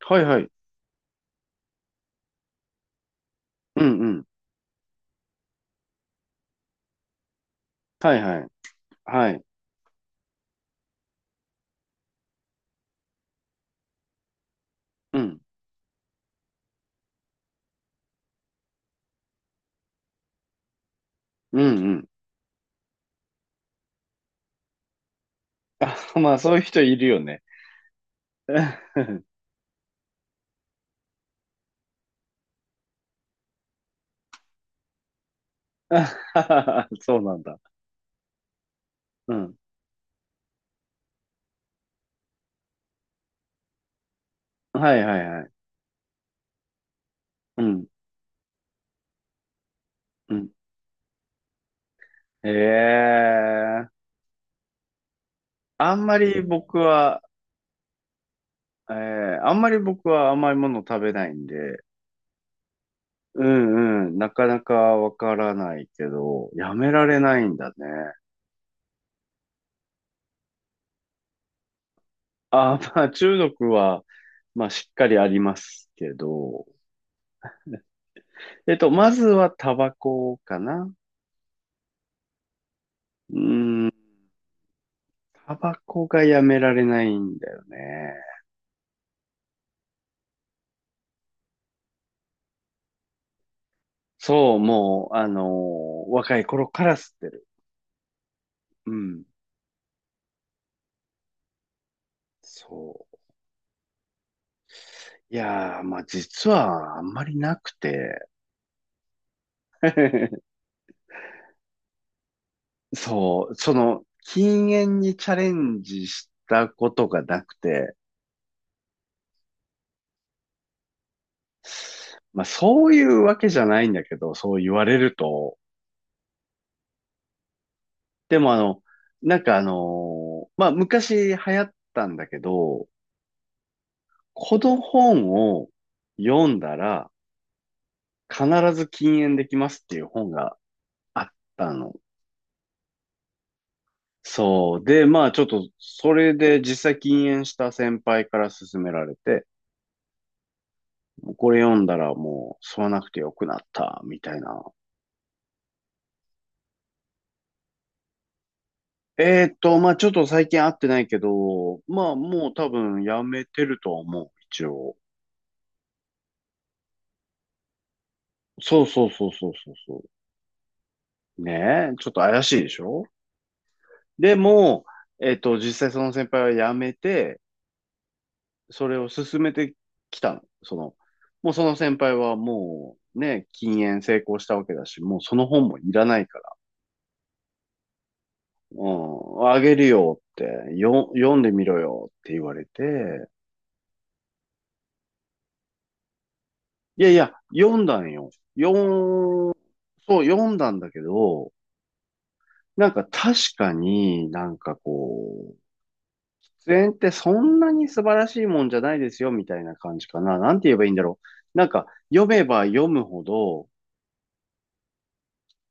はいはい。うんうん。はいはい。はい。うん。うんうん。あ、まあそういう人いるよね。そうなんだ。うん。はいはいはい。うん。うん。ええあんまり僕は、ええあんまり僕は甘いもの食べないんで、うんうん。なかなかわからないけど、やめられないんだね。あ、まあ中毒は、まあしっかりありますけど、まずはタバコかな。うーん、タバコがやめられないんだよね。そう、もう、若い頃から吸ってる。うん。そう。いやー、まあ実はあんまりなくて。そう、禁煙にチャレンジしたことがなくて。まあそういうわけじゃないんだけど、そう言われると。でもまあ昔流行ったんだけど、この本を読んだら、必ず禁煙できますっていう本があったの。そう。で、まあちょっと、それで実際禁煙した先輩から勧められて、これ読んだらもう吸わなくてよくなった、みたいな。まあちょっと最近会ってないけど、まあもう多分やめてるとは思う、一応。そうそうそうそうそうそう。ねえ、ちょっと怪しいでしょ？でも、実際その先輩は辞めて、それを進めてきたの。もうその先輩はもうね、禁煙成功したわけだし、もうその本もいらないから、うん、あげるよって、読んでみろよって言われて、いやいや、読んだんよ。読ん、そう、読んだんだけど、なんか確かに出演ってそんなに素晴らしいもんじゃないですよみたいな感じかな。なんて言えばいいんだろう。なんか読めば読むほど、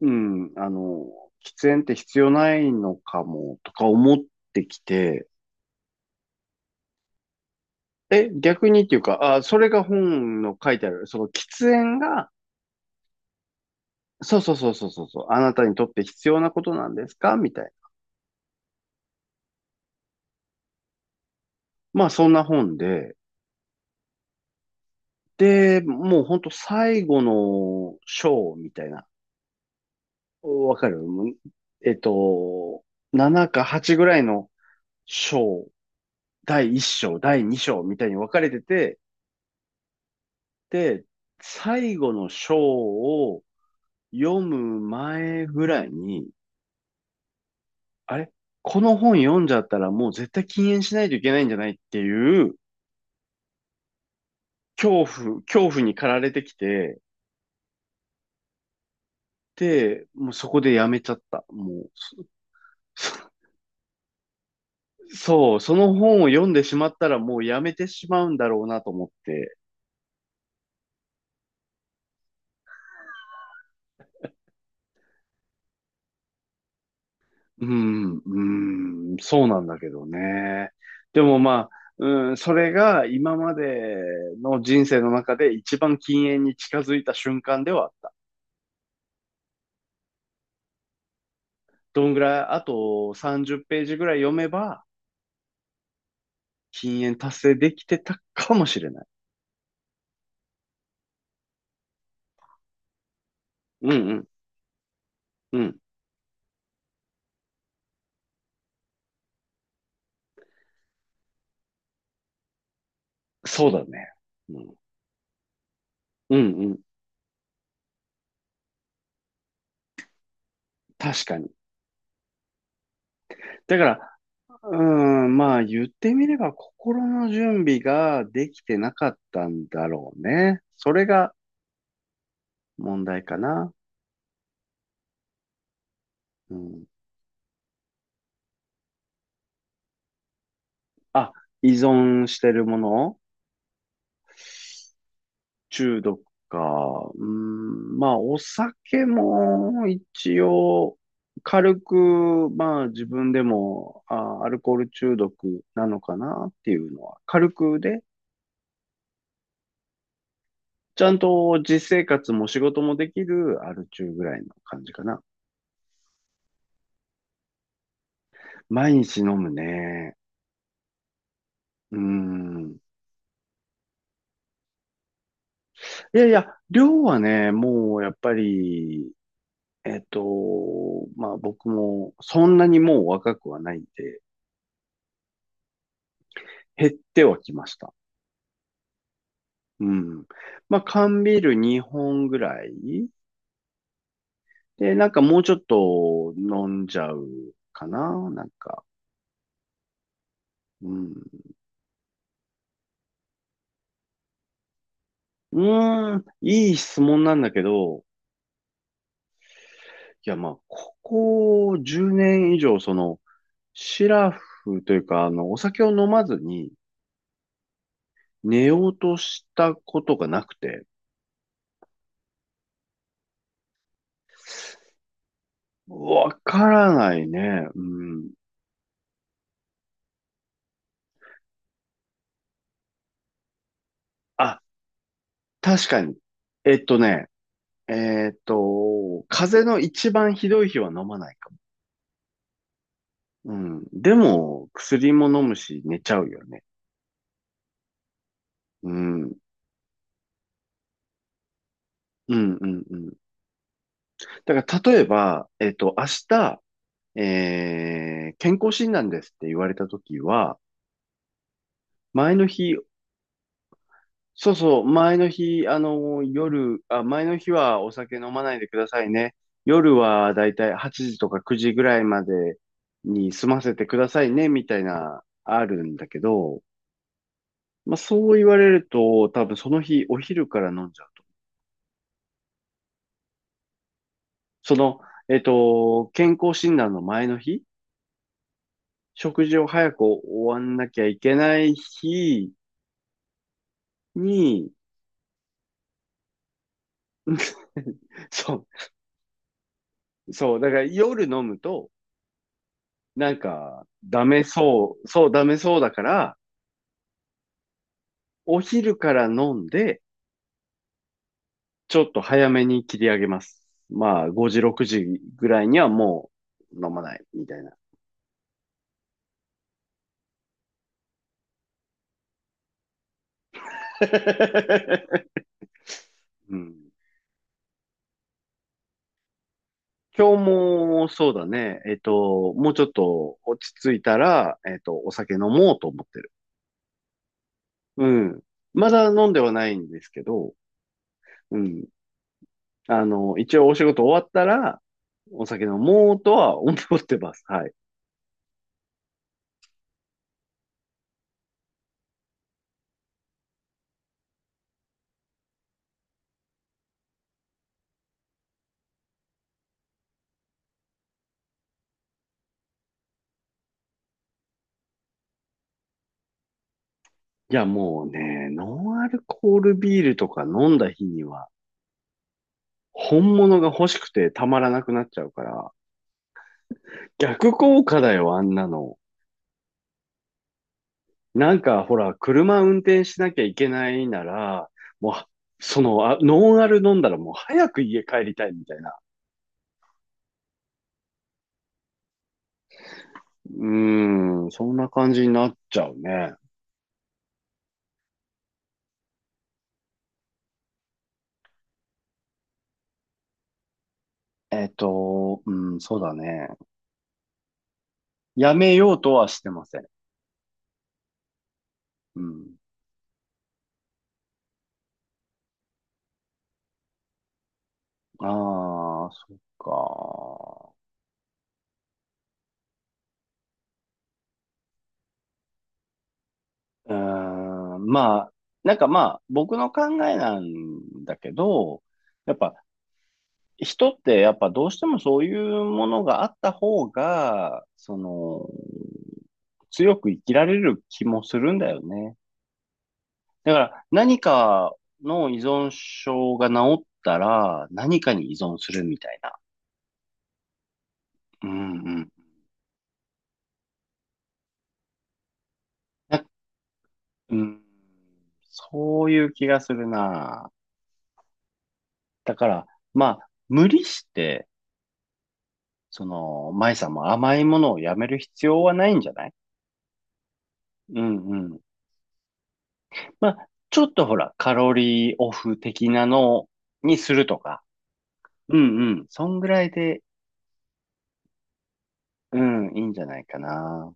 うん、喫煙って必要ないのかもとか思ってきて、え、逆にっていうか、あ、それが本の書いてある、その喫煙が、そうそうそうそうそうそう、あなたにとって必要なことなんですかみたいな。まあそんな本で、で、もうほんと最後の章みたいな、わかる。えっと、7か8ぐらいの章、第1章、第2章みたいに分かれてて、で、最後の章を読む前ぐらいに、あれ、この本読んじゃったらもう絶対禁煙しないといけないんじゃないっていう恐怖に駆られてきて、で、もうそこでやめちゃった。もう、そ、そう、その本を読んでしまったらもうやめてしまうんだろうなと思って。うん、うん、そうなんだけどね。でもまあ、うん、それが今までの人生の中で一番禁煙に近づいた瞬間ではあった。どんぐらい、あと30ページぐらい読めば、禁煙達成できてたかもしれない。うんうん、うん。そうだね。うん、うん、うん。確かに。だから、うーまあ言ってみれば心の準備ができてなかったんだろうね。それが問題かな。うん、あ、依存してるもの、中毒か。まあ、お酒も一応、軽く、まあ、自分でも、あ、アルコール中毒なのかなっていうのは、軽くで、ちゃんと実生活も仕事もできるアル中ぐらいの感じかな。毎日飲むね。うーん。いやいや、量はね、もうやっぱり、まあ僕もそんなにもう若くはないんで、減ってはきました。うん。まあ、缶ビール2本ぐらい。で、なんかもうちょっと飲んじゃうかな。なんか。うん。うーん。いい質問なんだけど、いや、まあ、ここ10年以上、シラフというか、お酒を飲まずに寝ようとしたことがなくて、わからないね。うん。あ、確かに。えっとね、えっと、風邪の一番ひどい日は飲まないか。うん。でも、薬も飲むし、寝ちゃうよね。うん。うん、うん、うん。だから、例えば、明日、健康診断ですって言われたときは、前の日、そうそう、前の日、あの、夜、あ、前の日はお酒飲まないでくださいね。夜はだいたい8時とか9時ぐらいまでに済ませてくださいね、みたいな、あるんだけど、まあそう言われると、多分その日、お昼から飲んじゃう。その、健康診断の前の日、食事を早く終わんなきゃいけない日に、そう、そう、だから夜飲むと、なんか、ダメそうだから、お昼から飲んで、ちょっと早めに切り上げます。まあ、5時、6時ぐらいにはもう飲まない、みたいな。うん、今日もそうだね。もうちょっと落ち着いたら、お酒飲もうと思ってる。うん。まだ飲んではないんですけど、うん。一応お仕事終わったら、お酒飲もうとは思ってます。はい。いや、もうね、ノンアルコールビールとか飲んだ日には、本物が欲しくてたまらなくなっちゃうから、逆効果だよ、あんなの。なんかほら、車運転しなきゃいけないなら、もう、ノンアル飲んだらもう早く家帰りたいみたいな。うーん、そんな感じになっちゃうね。うん、そうだね。やめようとはしてません。うん。ああ、そっか。うーん、まあ、まあ、僕の考えなんだけど、やっぱ人ってやっぱどうしてもそういうものがあった方が、強く生きられる気もするんだよね。だから何かの依存症が治ったら何かに依存するみたいな。うんうん。なうん、そういう気がするな。だから、まあ、無理して、舞さんも甘いものをやめる必要はないんじゃない？うんうん。まあ、ちょっとほら、カロリーオフ的なのにするとか。うんうん。そんぐらいで、うん、いいんじゃないかな。